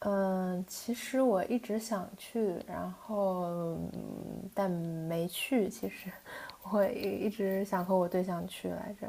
嗯，其实我一直想去，然后但没去。其实我一直想和我对象去来着。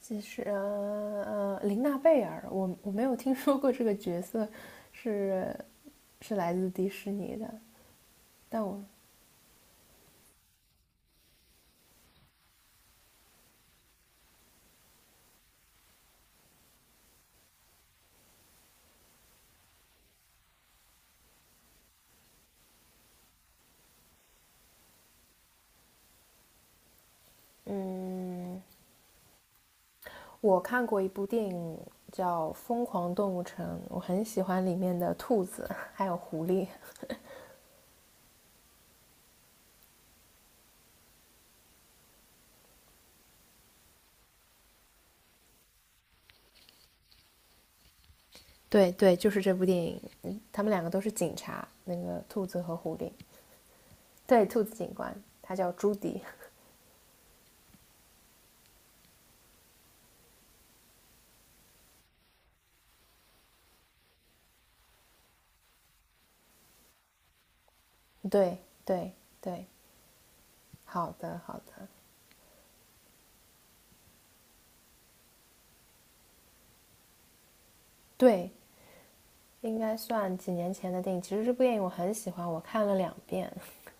其实琳娜贝尔，我没有听说过这个角色是是来自迪士尼的，但我嗯，看过一部电影叫《疯狂动物城》，我很喜欢里面的兔子还有狐狸。对对，就是这部电影，他们两个都是警察，那个兔子和狐狸。对，兔子警官，他叫朱迪。对对对，好的好的，对，应该算几年前的电影。其实这部电影我很喜欢，我看了2遍。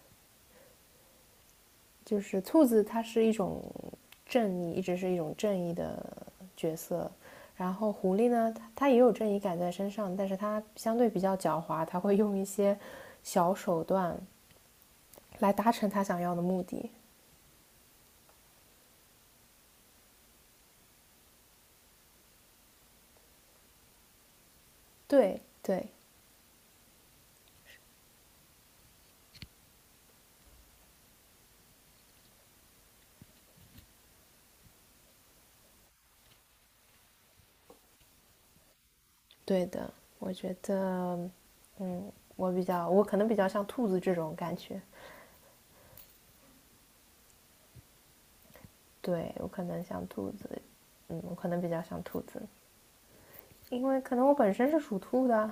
就是兔子，它是一种正义，一直是一种正义的角色。然后狐狸呢，它也有正义感在身上，但是它相对比较狡猾，它会用一些小手段来达成它想要的目的。对对对的，我觉得我比较，我可能比较像兔子这种感觉。对，我可能像兔子，我可能比较像兔子，因为可能我本身是属兔的。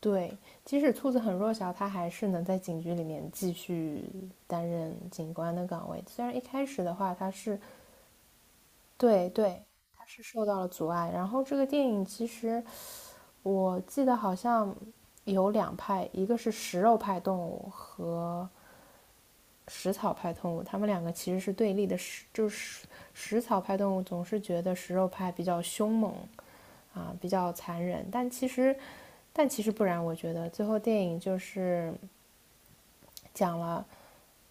对，即使兔子很弱小，它还是能在警局里面继续担任警官的岗位。虽然一开始的话，它是。对对，它是受到了阻碍。然后这个电影其实我记得好像有两派，一个是食肉派动物和食草派动物，他们两个其实是对立的。就是食草派动物总是觉得食肉派比较凶猛啊，比较残忍，但其实不然。我觉得最后电影就是讲了，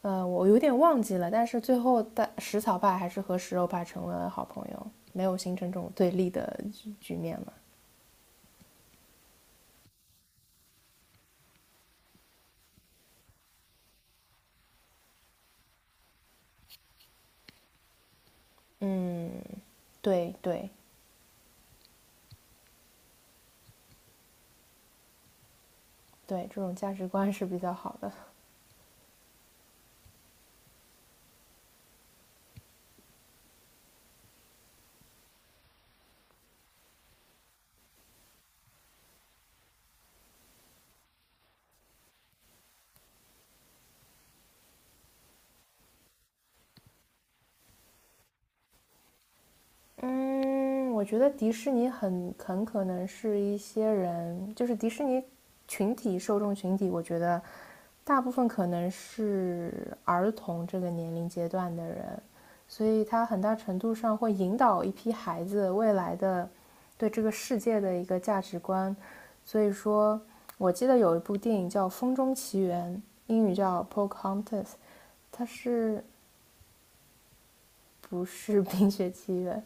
我有点忘记了，但是最后的食草派还是和食肉派成为了好朋友，没有形成这种对立的局面嘛。对对对，这种价值观是比较好的。嗯，我觉得迪士尼很可能是一些人，就是迪士尼受众群体，我觉得大部分可能是儿童这个年龄阶段的人，所以它很大程度上会引导一批孩子未来的对这个世界的一个价值观。所以说，我记得有一部电影叫《风中奇缘》，英语叫《Pocahontas》,它是不是《冰雪奇缘》，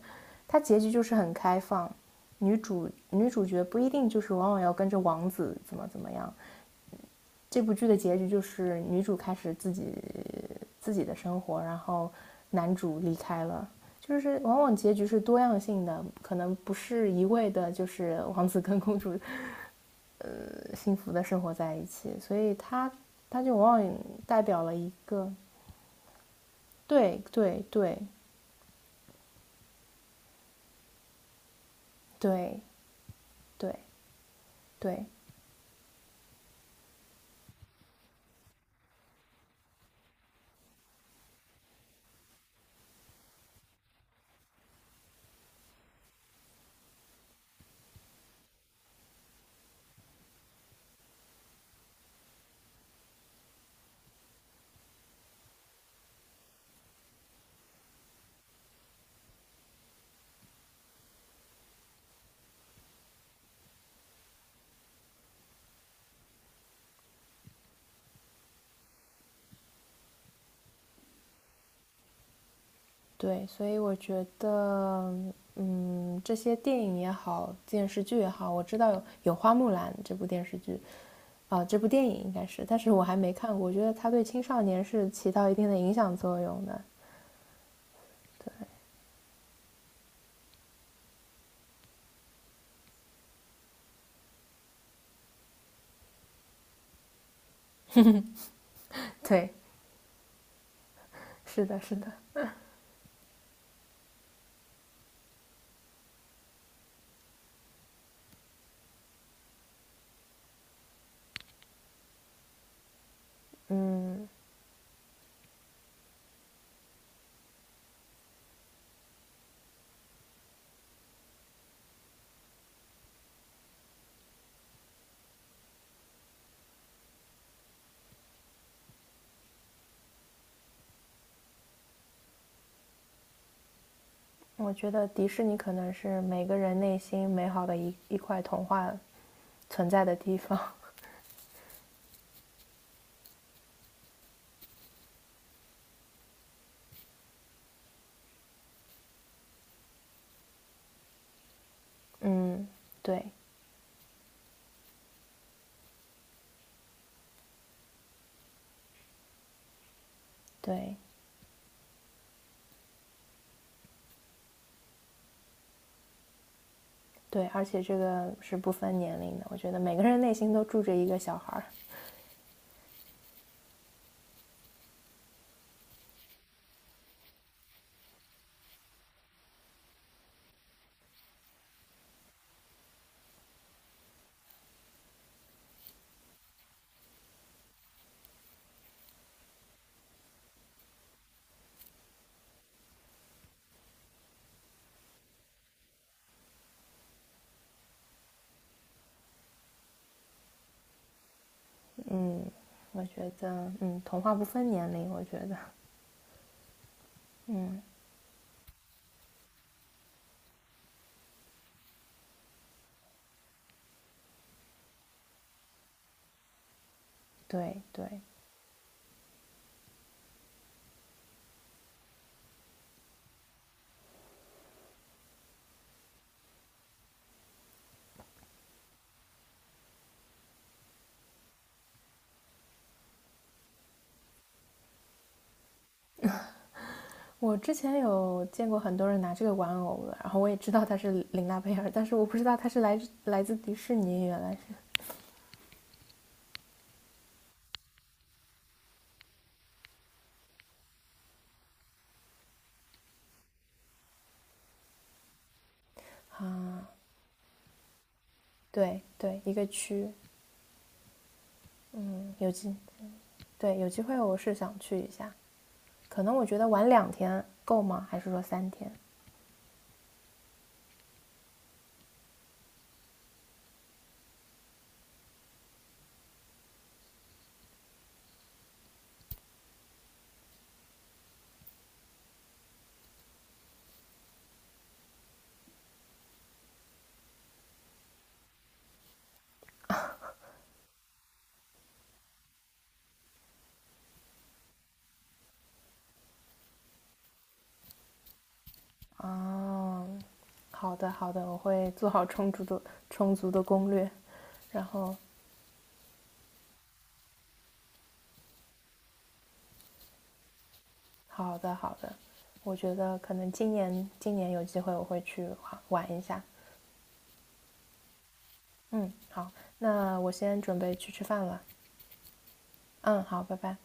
它结局就是很开放，女主角不一定就是往往要跟着王子怎么怎么样。这部剧的结局就是女主开始自己的生活，然后男主离开了。就是往往结局是多样性的，可能不是一味的，就是王子跟公主幸福的生活在一起，所以它就往往代表了一个。对对对对对对，对，所以我觉得，这些电影也好，电视剧也好，我知道有《花木兰》这部电视剧，啊、这部电影应该是，但是我还没看过。我觉得它对青少年是起到一定的影响作用的。对，是的，是的，嗯，我觉得迪士尼可能是每个人内心美好的一块童话存在的地方。嗯，对，对，对，而且这个是不分年龄的，我觉得每个人内心都住着一个小孩儿。我觉得，童话不分年龄，我觉得，对对。我之前有见过很多人拿这个玩偶的，然后我也知道它是琳娜贝尔，但是我不知道它是来自迪士尼，原来是，对对，一个区，嗯有机，对，有机会我是想去一下，可能我觉得玩2天够吗？还是说3天？啊，好的好的，我会做好充足的攻略，然后好的，好的，我觉得可能今年有机会我会去玩一下。嗯，好，那我先准备去吃饭了。嗯，好，拜拜。